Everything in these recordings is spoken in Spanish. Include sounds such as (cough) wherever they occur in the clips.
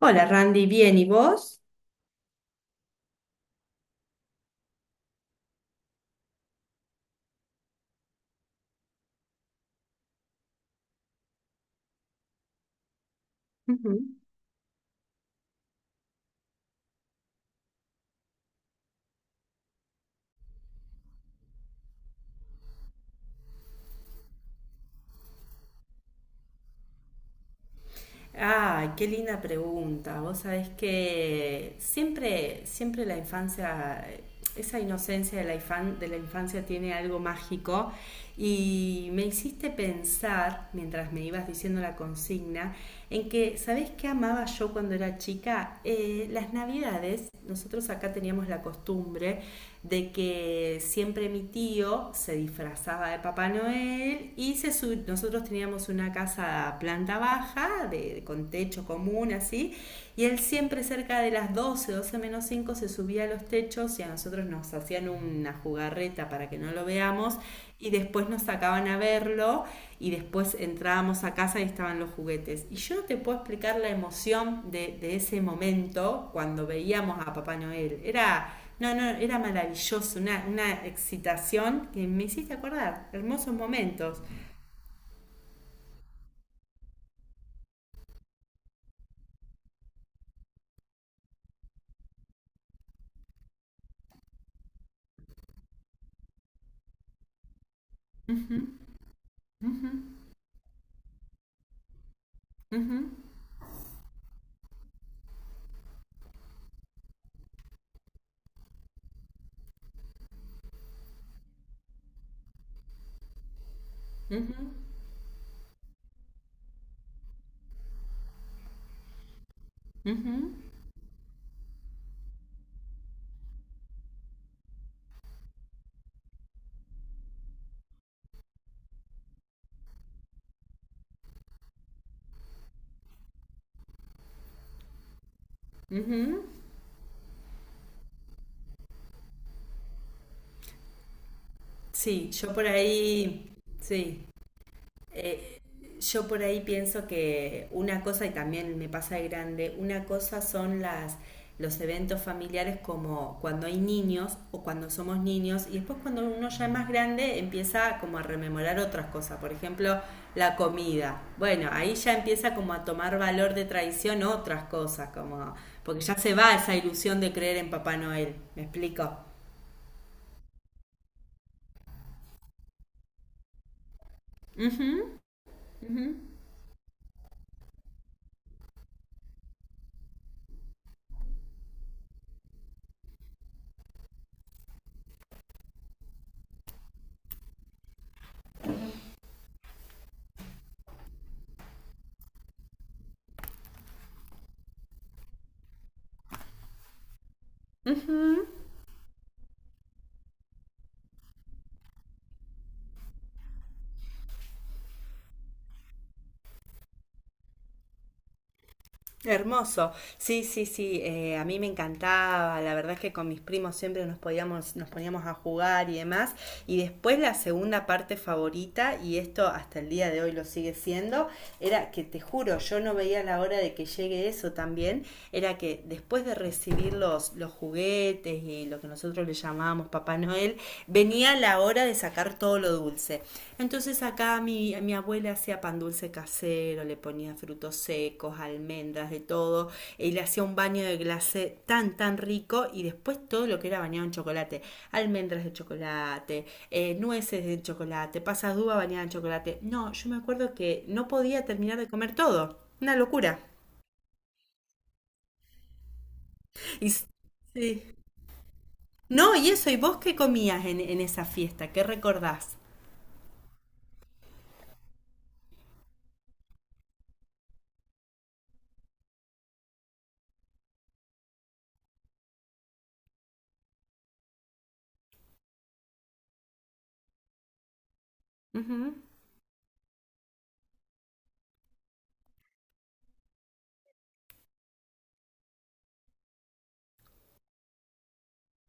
Hola Randy, bien, ¿y vos? Ujú. Ay, qué linda pregunta. Vos sabés que siempre, siempre la infancia, esa inocencia de la infancia tiene algo mágico y me hiciste pensar, mientras me ibas diciendo la consigna, en que, ¿sabés qué amaba yo cuando era chica? Las navidades, nosotros acá teníamos la costumbre de que siempre mi tío se disfrazaba de Papá Noel y nosotros teníamos una casa planta baja, de, con techo común así, y él siempre cerca de las doce menos 5 se subía a los techos y a nosotros nos hacían una jugarreta para que no lo veamos y después nos sacaban a verlo y después entrábamos a casa y estaban los juguetes. Y yo no te puedo explicar la emoción de ese momento cuando veíamos a Papá Noel. No, no, era maravilloso, una excitación que me hiciste acordar, hermosos momentos. Ujú, ujú, ujú, ujú. Sí, yo por ahí, sí, eh, yo por ahí pienso que una cosa, y también me pasa de grande, una cosa son las los eventos familiares como cuando hay niños o cuando somos niños y después cuando uno ya es más grande empieza como a rememorar otras cosas, por ejemplo la comida. Bueno, ahí ya empieza como a tomar valor de tradición otras cosas, como porque ya se va esa ilusión de creer en Papá Noel, ¿me explico? Ujú. Hermoso. Sí, sí, sí. Eh, a mí me encantaba. La verdad es que con mis primos siempre nos podíamos, nos poníamos a jugar y demás. Y después la segunda parte favorita, y esto hasta el día de hoy lo sigue siendo, era que te juro, yo no veía la hora de que llegue eso también. Era que después de recibir los juguetes y lo que nosotros le llamábamos Papá Noel, venía la hora de sacar todo lo dulce. Entonces acá mi abuela hacía pan dulce casero, le ponía frutos secos, almendras, de todo, y le hacía un baño de glacé tan, tan rico, y después todo lo que era bañado en chocolate, almendras de chocolate, nueces de chocolate, pasas de uva bañadas en chocolate. No, yo me acuerdo que no podía terminar de comer todo, una locura. Y, sí. No, y eso, ¿y vos qué comías en esa fiesta? ¿Qué recordás? Ujú.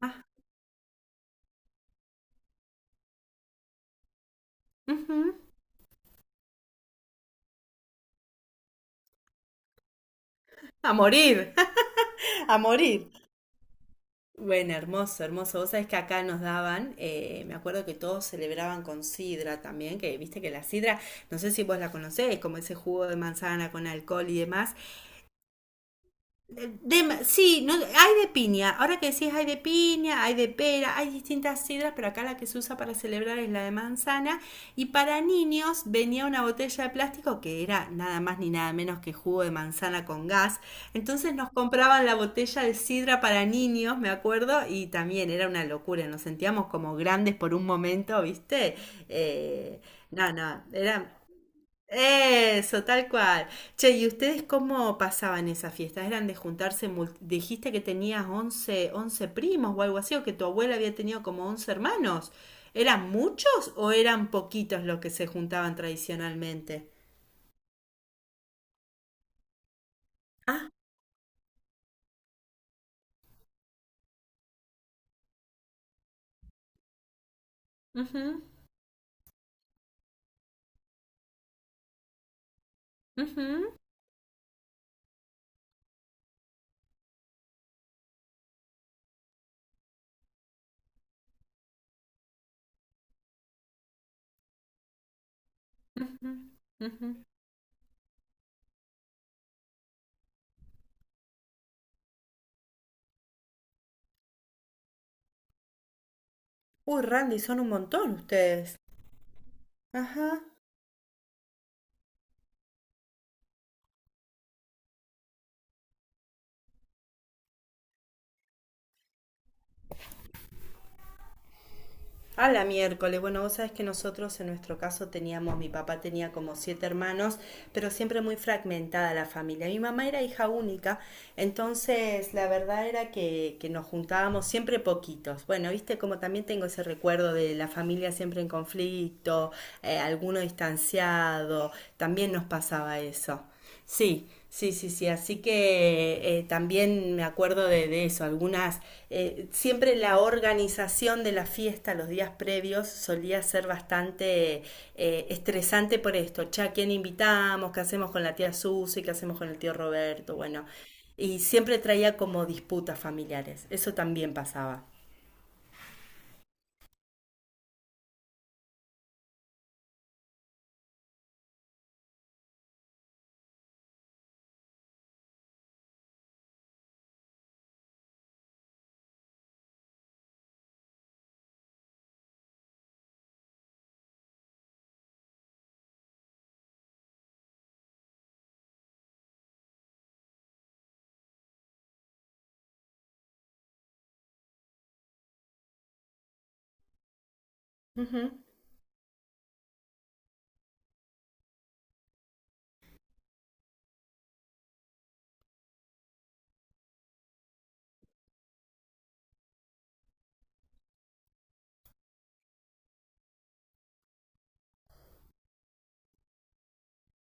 Ah, ujú. A morir, (laughs) a morir. Bueno, hermoso, hermoso. Vos sabés que acá nos daban, me acuerdo que todos celebraban con sidra también, que viste que la sidra, no sé si vos la conocés, como ese jugo de manzana con alcohol y demás, de- sí, no, hay de piña. Ahora que decís hay de piña, hay de pera, hay distintas sidras, pero acá la que se usa para celebrar es la de manzana. Y para niños venía una botella de plástico que era nada más ni nada menos que jugo de manzana con gas. Entonces nos compraban la botella de sidra para niños, me acuerdo, y también era una locura. Nos sentíamos como grandes por un momento, ¿viste? Eh, no, no, era... Eso, tal cual. Che, ¿y ustedes cómo pasaban esas fiestas? ¿Eran de juntarse? Dijiste que tenías once primos o algo así, o que tu abuela había tenido como 11 hermanos. ¿Eran muchos o eran poquitos los que se juntaban tradicionalmente? Ah, ujú, ujú, ujú, ujú. Uy, Randy, son un montón ustedes. Ajá. A la miércoles. Bueno, vos sabés que nosotros en nuestro caso teníamos, mi papá tenía como siete hermanos, pero siempre muy fragmentada la familia. Mi mamá era hija única, entonces la verdad era que nos juntábamos siempre poquitos. Bueno, viste como también tengo ese recuerdo de la familia siempre en conflicto, alguno distanciado, también nos pasaba eso. Sí, sí, sí, sí. Así que también me acuerdo de eso. Algunas, siempre la organización de la fiesta los días previos solía ser bastante estresante por esto. Che, ¿a quién invitamos? ¿Qué hacemos con la tía Susi? ¿Qué hacemos con el tío Roberto? Bueno, y siempre traía como disputas familiares. Eso también pasaba. Ujú.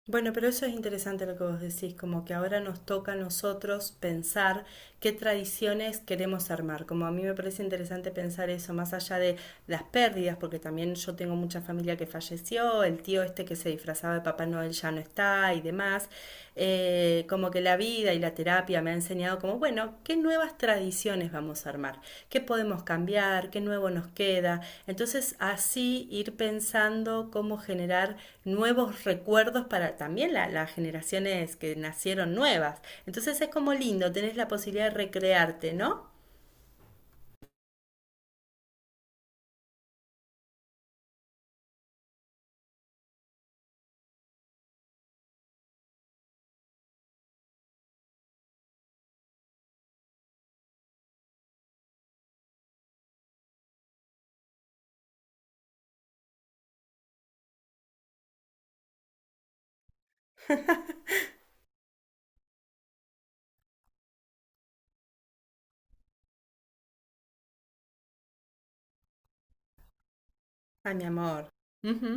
Bueno, pero eso es interesante lo que vos decís, como que ahora nos toca a nosotros pensar qué tradiciones queremos armar. Como a mí me parece interesante pensar eso, más allá de las pérdidas, porque también yo tengo mucha familia que falleció, el tío este que se disfrazaba de Papá Noel ya no está y demás. Como que la vida y la terapia me ha enseñado como, bueno, qué nuevas tradiciones vamos a armar, qué podemos cambiar, qué nuevo nos queda. Entonces así ir pensando cómo generar nuevos recuerdos para también las generaciones que nacieron nuevas. Entonces es como lindo, tenés la posibilidad de recrearte, ¿no? Ah, mi amor. Ujú.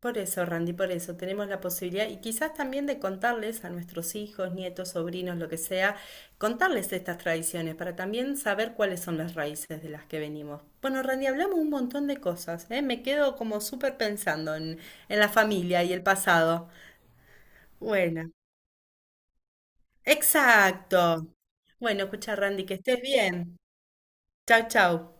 Por eso, Randy, por eso tenemos la posibilidad y quizás también de contarles a nuestros hijos, nietos, sobrinos, lo que sea, contarles estas tradiciones para también saber cuáles son las raíces de las que venimos. Bueno, Randy, hablamos un montón de cosas, ¿eh? Me quedo como súper pensando en la familia y el pasado. Bueno, exacto. Bueno, escucha, Randy, que estés bien. Chau, chau.